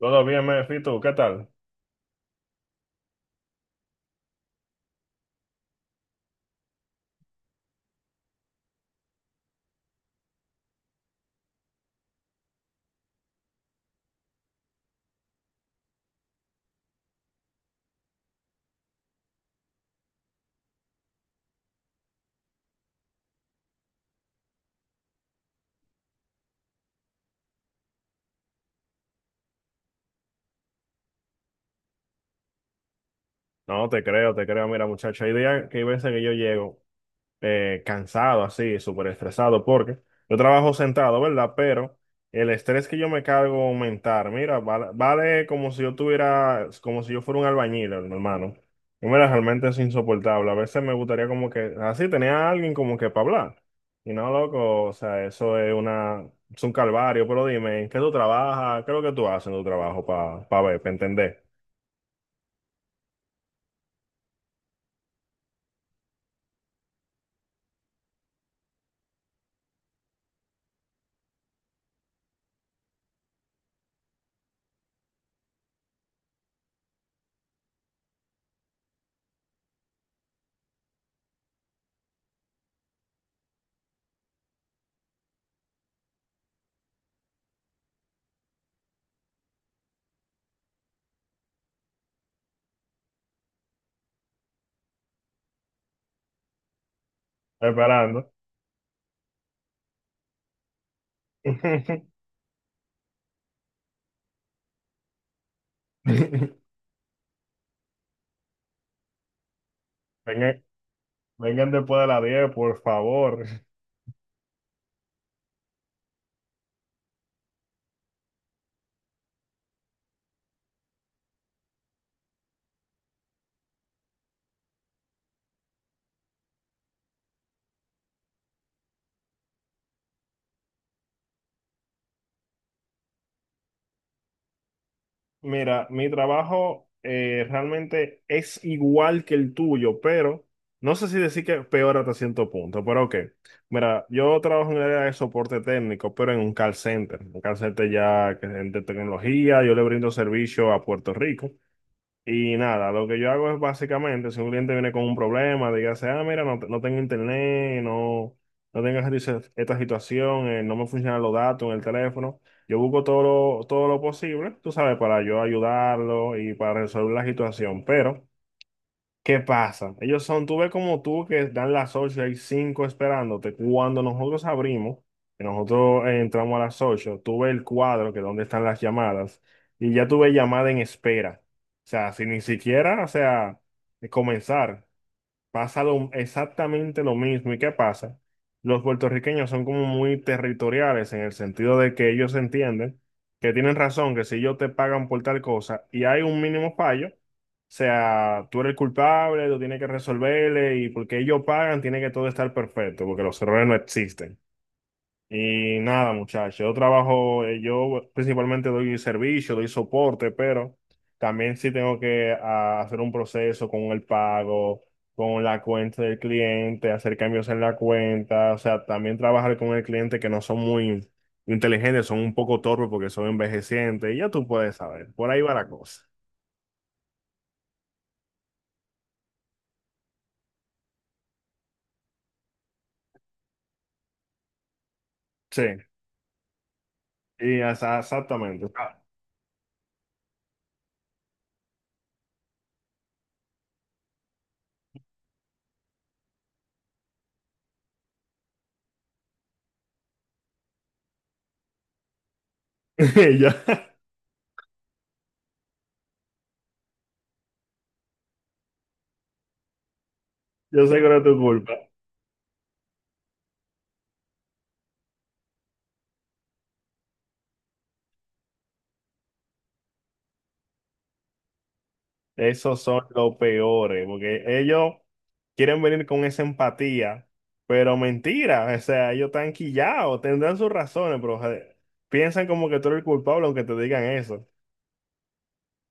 Todo bien, Mefito, ¿qué tal? No, te creo, te creo. Mira, muchacho, hay días que hay veces que yo llego cansado, así, súper estresado, porque yo trabajo sentado, ¿verdad? Pero el estrés que yo me cargo aumentar, mira, vale, vale como si yo fuera un albañil, hermano. Y mira, realmente es insoportable. A veces me gustaría como que, así, tenía a alguien como que para hablar. Y no, loco, o sea, es un calvario, pero dime, ¿en qué tú trabajas? ¿Qué es lo que tú haces en tu trabajo para ver, para entender? Esperando. Vengan, vengan después de las 10, por favor. Mira, mi trabajo realmente es igual que el tuyo, pero no sé si decir que peor hasta cierto punto, pero ok. Mira, yo trabajo en el área de soporte técnico, pero en un call center. Un call center ya que es de tecnología, yo le brindo servicio a Puerto Rico. Y nada, lo que yo hago es básicamente, si un cliente viene con un problema, dígase, ah, mira, no, no tengo internet, no, no tengo esta situación, no me funcionan los datos en el teléfono, yo busco todo lo posible, tú sabes, para yo ayudarlo y para resolver la situación, pero... ¿Qué pasa? Ellos son, tú ves como tú que dan las 8 hay 5 esperándote. Cuando nosotros abrimos, que nosotros entramos a las 8, tú ves el cuadro que donde están las llamadas y ya tuve llamada en espera. O sea, sin ni siquiera, o sea, comenzar, pasa exactamente lo mismo. ¿Y qué pasa? Los puertorriqueños son como muy territoriales, en el sentido de que ellos entienden que tienen razón, que si ellos te pagan por tal cosa y hay un mínimo fallo, o sea, tú eres el culpable, tú tienes que resolverle, y porque ellos pagan, tiene que todo estar perfecto, porque los errores no existen. Y nada, muchachos, yo trabajo, yo principalmente doy servicio, doy soporte, pero también sí tengo que hacer un proceso con el pago, con la cuenta del cliente, hacer cambios en la cuenta, o sea, también trabajar con el cliente que no son muy inteligentes, son un poco torpes porque son envejecientes, y ya tú puedes saber, por ahí va la cosa. Sí, y exactamente. Ya, yo sé que no es tu culpa. Esos son los peores, porque ellos quieren venir con esa empatía, pero mentira, o sea, ellos están quillados, tendrán sus razones, pero joder, piensan como que tú eres el culpable aunque te digan eso,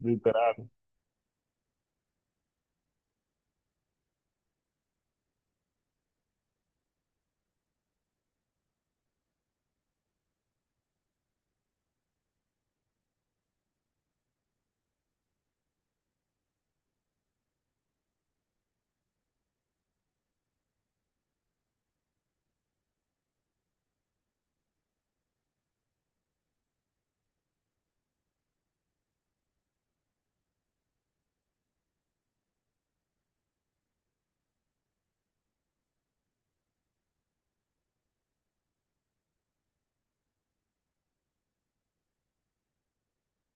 literal.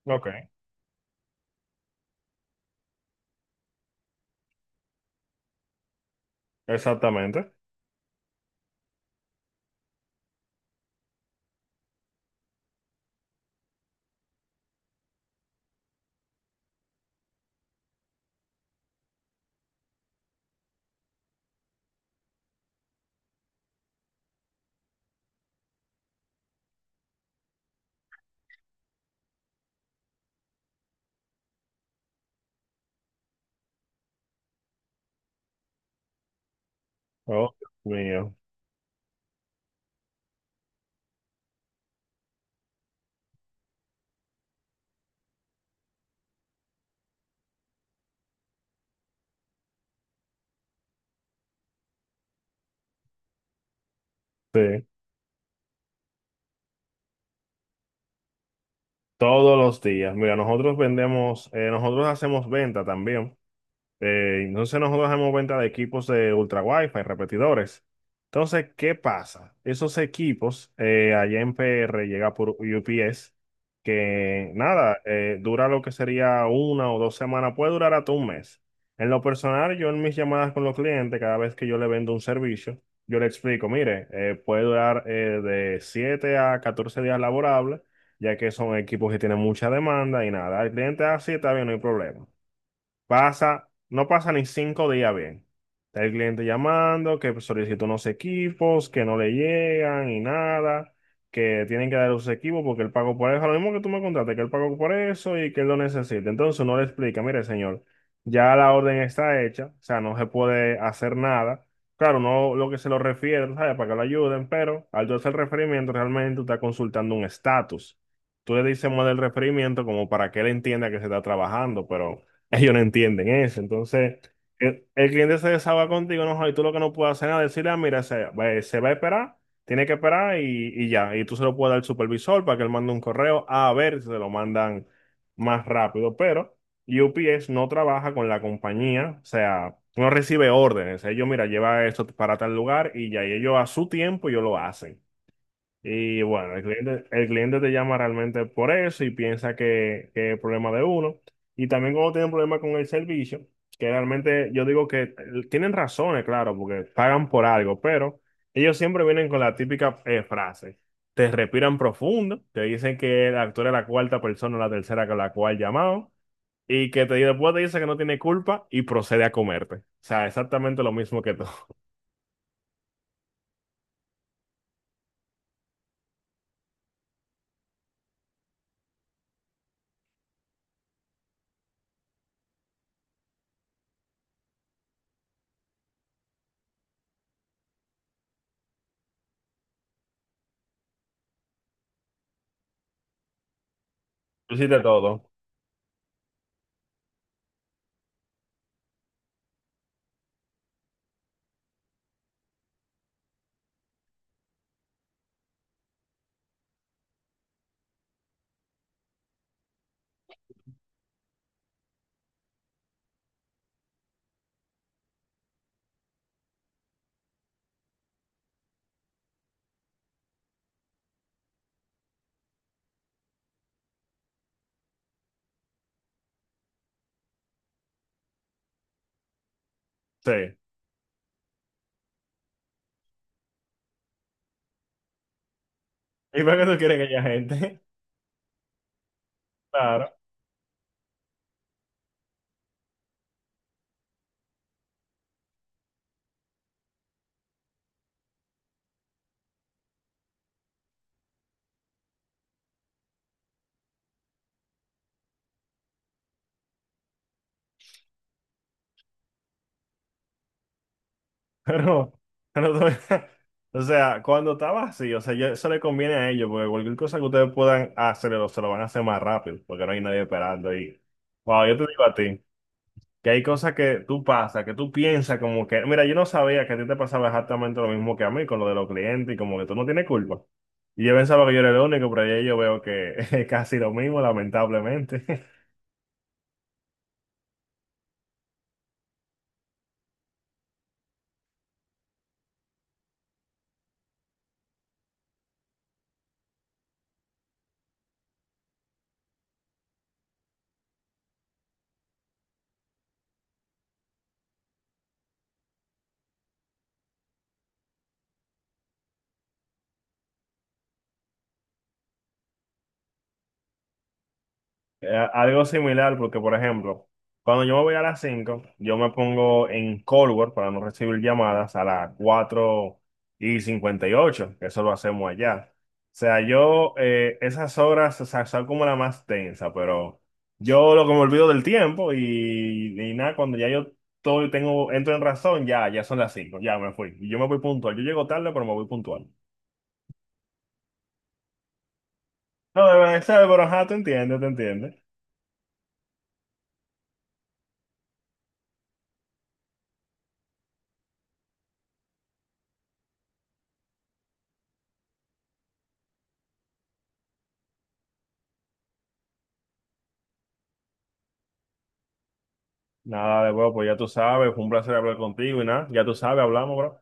Ok. Exactamente. Oh, Dios mío. Sí, todos los días. Mira, nosotros hacemos venta también. Entonces nosotros damos venta de equipos de ultra wifi, repetidores. Entonces, ¿qué pasa? Esos equipos allá en PR llega por UPS, que nada, dura lo que sería 1 o 2 semanas, puede durar hasta un mes. En lo personal, yo en mis llamadas con los clientes, cada vez que yo le vendo un servicio, yo le explico, mire, puede durar de 7 a 14 días laborables, ya que son equipos que tienen mucha demanda, y nada, el cliente así está bien, no hay problema. Pasa, no pasa ni 5 días bien. Está el cliente llamando, que solicitó unos equipos, que no le llegan y nada, que tienen que dar los equipos porque él pagó por eso. Lo mismo que tú me contaste, que él pagó por eso y que él lo necesita. Entonces uno le explica, mire, señor, ya la orden está hecha, o sea, no se puede hacer nada. Claro, no, lo que se lo refiere, tú ¿sabes? Para que lo ayuden, pero al tú hacer el referimiento, realmente tú estás consultando un estatus. Tú le dices más del referimiento como para que él entienda que se está trabajando, pero ellos no entienden eso. Entonces, el cliente se desahoga contigo, no, y tú lo que no puedes hacer es decirle, ah, mira, se va a esperar, tiene que esperar, y ya. Y tú se lo puedes dar al supervisor para que él mande un correo a ver si se lo mandan más rápido. Pero UPS no trabaja con la compañía, o sea, no recibe órdenes. Ellos, mira, lleva esto para tal lugar y ya, y ellos a su tiempo ellos lo hacen. Y bueno, el cliente te llama realmente por eso y piensa que es problema de uno. Y también cuando tienen problemas con el servicio, que realmente yo digo que tienen razones, claro, porque pagan por algo, pero ellos siempre vienen con la típica frase. Te respiran profundo, te dicen que el actor es la cuarta persona o la tercera con la cual llamado, y que te, después te dice que no tiene culpa y procede a comerte. O sea, exactamente lo mismo que tú. Tú hiciste todo. Sí. ¿Y para qué tú quieres que haya gente? Claro. Pero, pero todavía- o sea, cuando estaba así, o sea, yo- eso le conviene a ellos, porque cualquier cosa que ustedes puedan hacer, lo- se lo van a hacer más rápido, porque no hay nadie esperando. Y, wow, yo te digo a ti, que hay cosas que tú pasas, que tú piensas como que, mira, yo no sabía que a ti te pasaba exactamente lo mismo que a mí con lo de los clientes y como que tú no tienes culpa. Y yo pensaba que yo era el único, pero ya yo veo que es casi lo mismo, lamentablemente. Algo similar, porque por ejemplo, cuando yo me voy a las 5 yo me pongo en Cold War para no recibir llamadas a las cuatro y 58, que eso lo hacemos allá. O sea, yo esas horas, o sea, son como la más tensa, pero yo lo que me olvido del tiempo, y nada, cuando ya yo todo tengo, entro en razón, ya, ya son las 5, ya me fui. Y yo me voy puntual, yo llego tarde, pero me voy puntual. No, de verdad, pero ajá, te entiendo, te entiendo. Nada de huevo, pues ya tú sabes, fue un placer hablar contigo y nada, ya tú sabes, hablamos, bro.